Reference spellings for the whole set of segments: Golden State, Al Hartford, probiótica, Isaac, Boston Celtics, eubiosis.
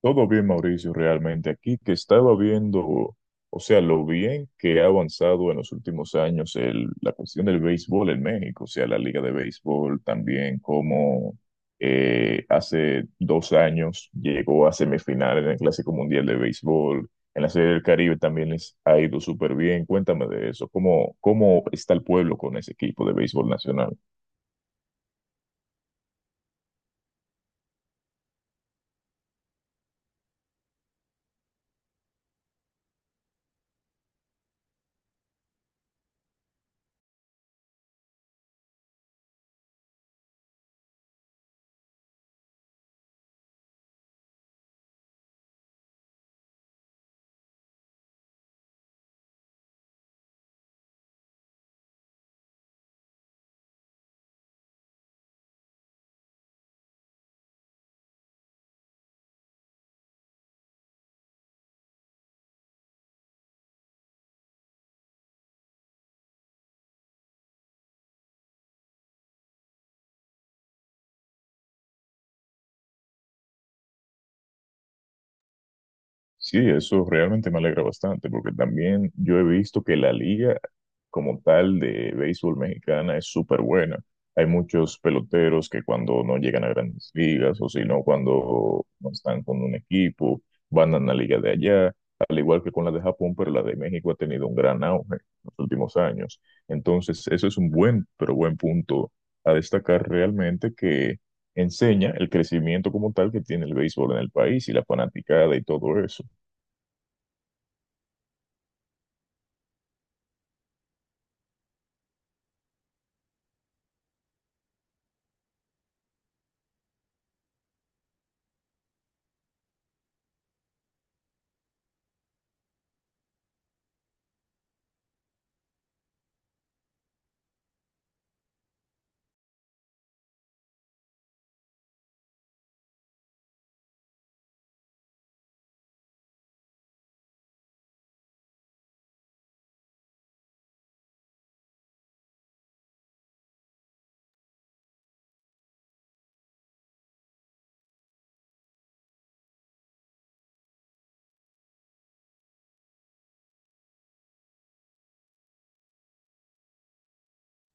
Todo bien, Mauricio, realmente. Aquí que estaba viendo, o sea, lo bien que ha avanzado en los últimos años la cuestión del béisbol en México, o sea, la liga de béisbol también, como hace 2 años llegó a semifinales en el Clásico Mundial de Béisbol, en la Serie del Caribe también les ha ido súper bien. Cuéntame de eso, ¿Cómo está el pueblo con ese equipo de béisbol nacional? Sí, eso realmente me alegra bastante, porque también yo he visto que la liga como tal de béisbol mexicana es súper buena. Hay muchos peloteros que cuando no llegan a grandes ligas o si no, cuando no están con un equipo, van a la liga de allá, al igual que con la de Japón, pero la de México ha tenido un gran auge en los últimos años. Entonces, eso es un buen, pero buen punto a destacar realmente que enseña el crecimiento como tal que tiene el béisbol en el país y la fanaticada y todo eso.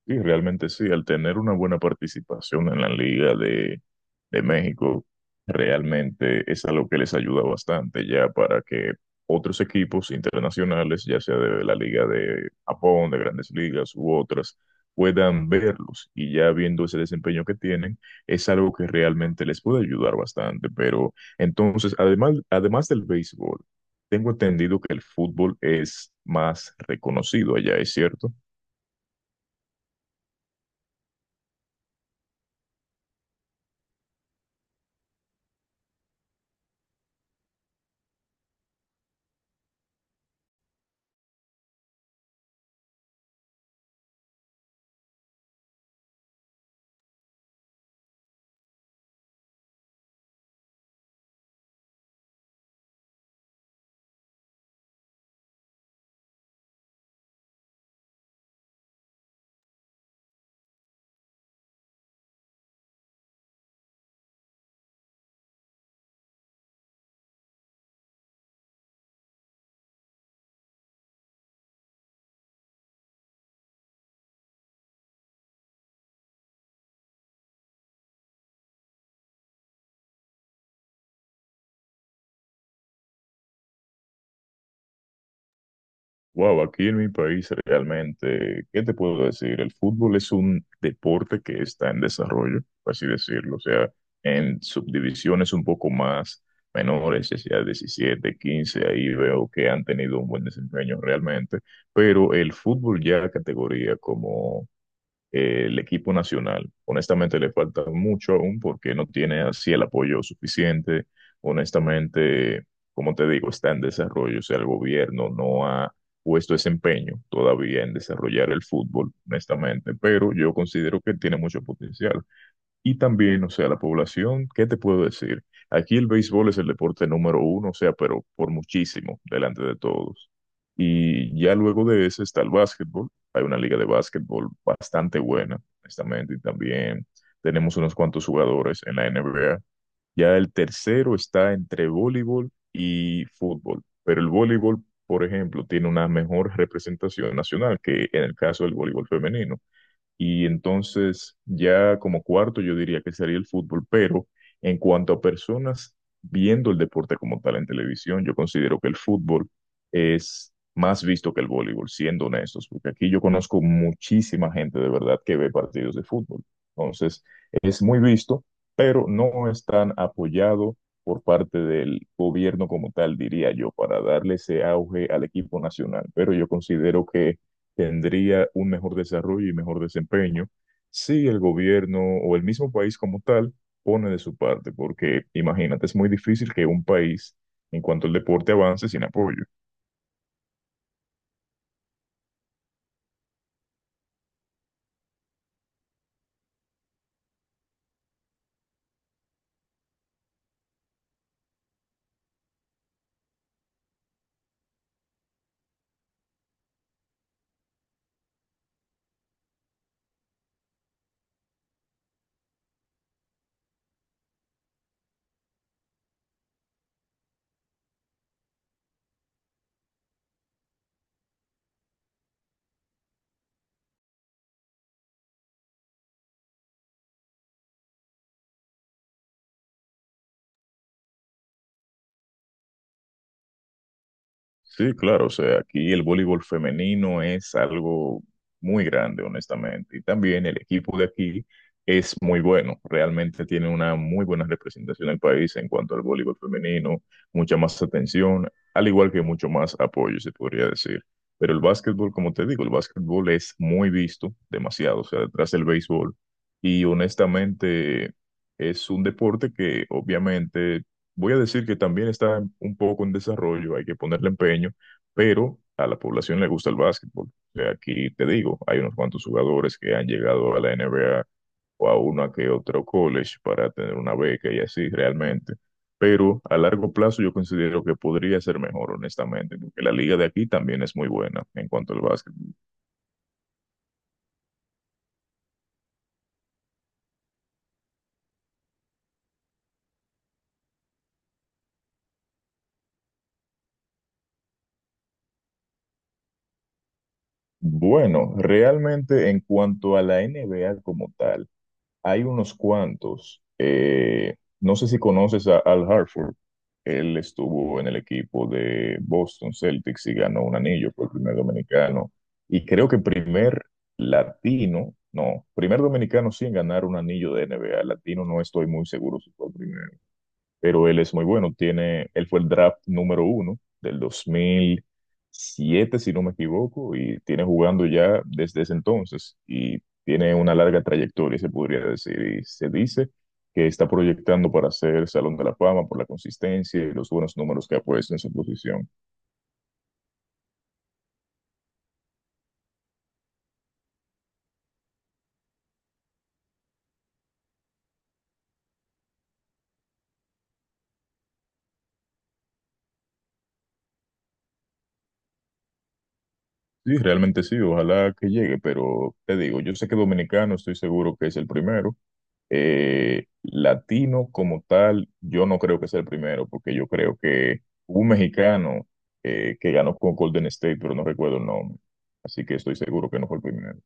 Sí, realmente sí, al tener una buena participación en la Liga de México, realmente es algo que les ayuda bastante ya para que otros equipos internacionales, ya sea de la Liga de Japón, de Grandes Ligas u otras, puedan verlos y ya viendo ese desempeño que tienen, es algo que realmente les puede ayudar bastante. Pero entonces, además del béisbol, tengo entendido que el fútbol es más reconocido allá, ¿es cierto? Wow, aquí en mi país realmente, ¿qué te puedo decir? El fútbol es un deporte que está en desarrollo, por así decirlo, o sea, en subdivisiones un poco más menores, ya sea 17, 15, ahí veo que han tenido un buen desempeño realmente, pero el fútbol ya categoría como el equipo nacional. Honestamente le falta mucho aún porque no tiene así el apoyo suficiente. Honestamente, como te digo, está en desarrollo. O sea, el gobierno no ha puesto ese empeño todavía en desarrollar el fútbol, honestamente, pero yo considero que tiene mucho potencial. Y también, o sea, la población, ¿qué te puedo decir? Aquí el béisbol es el deporte número uno, o sea, pero por muchísimo, delante de todos. Y ya luego de ese está el básquetbol. Hay una liga de básquetbol bastante buena, honestamente, y también tenemos unos cuantos jugadores en la NBA. Ya el tercero está entre voleibol y fútbol, pero el voleibol, por ejemplo, tiene una mejor representación nacional que en el caso del voleibol femenino. Y entonces ya como cuarto yo diría que sería el fútbol, pero en cuanto a personas viendo el deporte como tal en televisión, yo considero que el fútbol es más visto que el voleibol, siendo honestos, porque aquí yo conozco muchísima gente de verdad que ve partidos de fútbol. Entonces es muy visto, pero no es tan apoyado por parte del gobierno como tal, diría yo, para darle ese auge al equipo nacional. Pero yo considero que tendría un mejor desarrollo y mejor desempeño si el gobierno o el mismo país como tal pone de su parte, porque imagínate, es muy difícil que un país en cuanto al deporte avance sin apoyo. Sí, claro, o sea, aquí el voleibol femenino es algo muy grande, honestamente, y también el equipo de aquí es muy bueno, realmente tiene una muy buena representación en el país en cuanto al voleibol femenino, mucha más atención, al igual que mucho más apoyo, se podría decir. Pero el básquetbol, como te digo, el básquetbol es muy visto, demasiado, o sea, detrás del béisbol, y honestamente es un deporte que obviamente voy a decir que también un poco en desarrollo, hay que ponerle empeño, pero a la población le gusta el básquetbol. O sea, aquí te digo, hay unos cuantos jugadores que han llegado a la NBA o a una que otro college para tener una beca y así realmente. Pero a largo plazo yo considero que podría ser mejor, honestamente, porque la liga de aquí también es muy buena en cuanto al básquetbol. Bueno, realmente en cuanto a la NBA como tal. Hay unos cuantos. No sé si conoces a Al Hartford. Él estuvo en el equipo de Boston Celtics y ganó un anillo, fue el primer dominicano. Y creo que primer latino, no, primer dominicano sin ganar un anillo de NBA. Latino no estoy muy seguro si fue el primero, pero él es muy bueno. Tiene, él fue el draft número uno del dos mil siete, si no me equivoco, y tiene jugando ya desde ese entonces y tiene una larga trayectoria, se podría decir, y se dice que está proyectando para ser Salón de la Fama por la consistencia y los buenos números que ha puesto en su posición. Sí, realmente sí, ojalá que llegue, pero te digo, yo sé que dominicano, estoy seguro que es el primero, latino como tal, yo no creo que sea el primero, porque yo creo que hubo un mexicano que ganó con Golden State, pero no recuerdo el nombre. Así que estoy seguro que no fue el primero.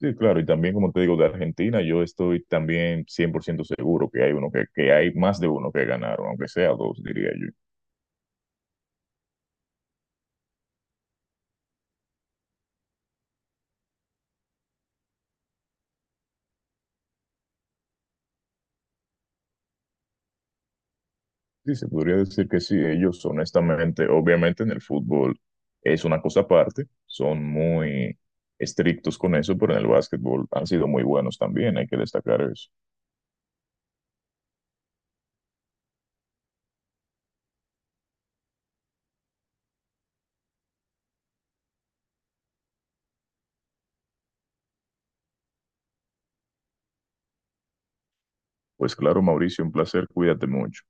Sí, claro, y también como te digo, de Argentina, yo estoy también 100% seguro que hay uno que hay más de uno que ganaron, aunque sea dos, diría yo. Sí, se podría decir que sí, ellos honestamente, obviamente en el fútbol es una cosa aparte, son muy estrictos con eso, pero en el básquetbol han sido muy buenos también, hay que destacar eso. Pues claro, Mauricio, un placer, cuídate mucho.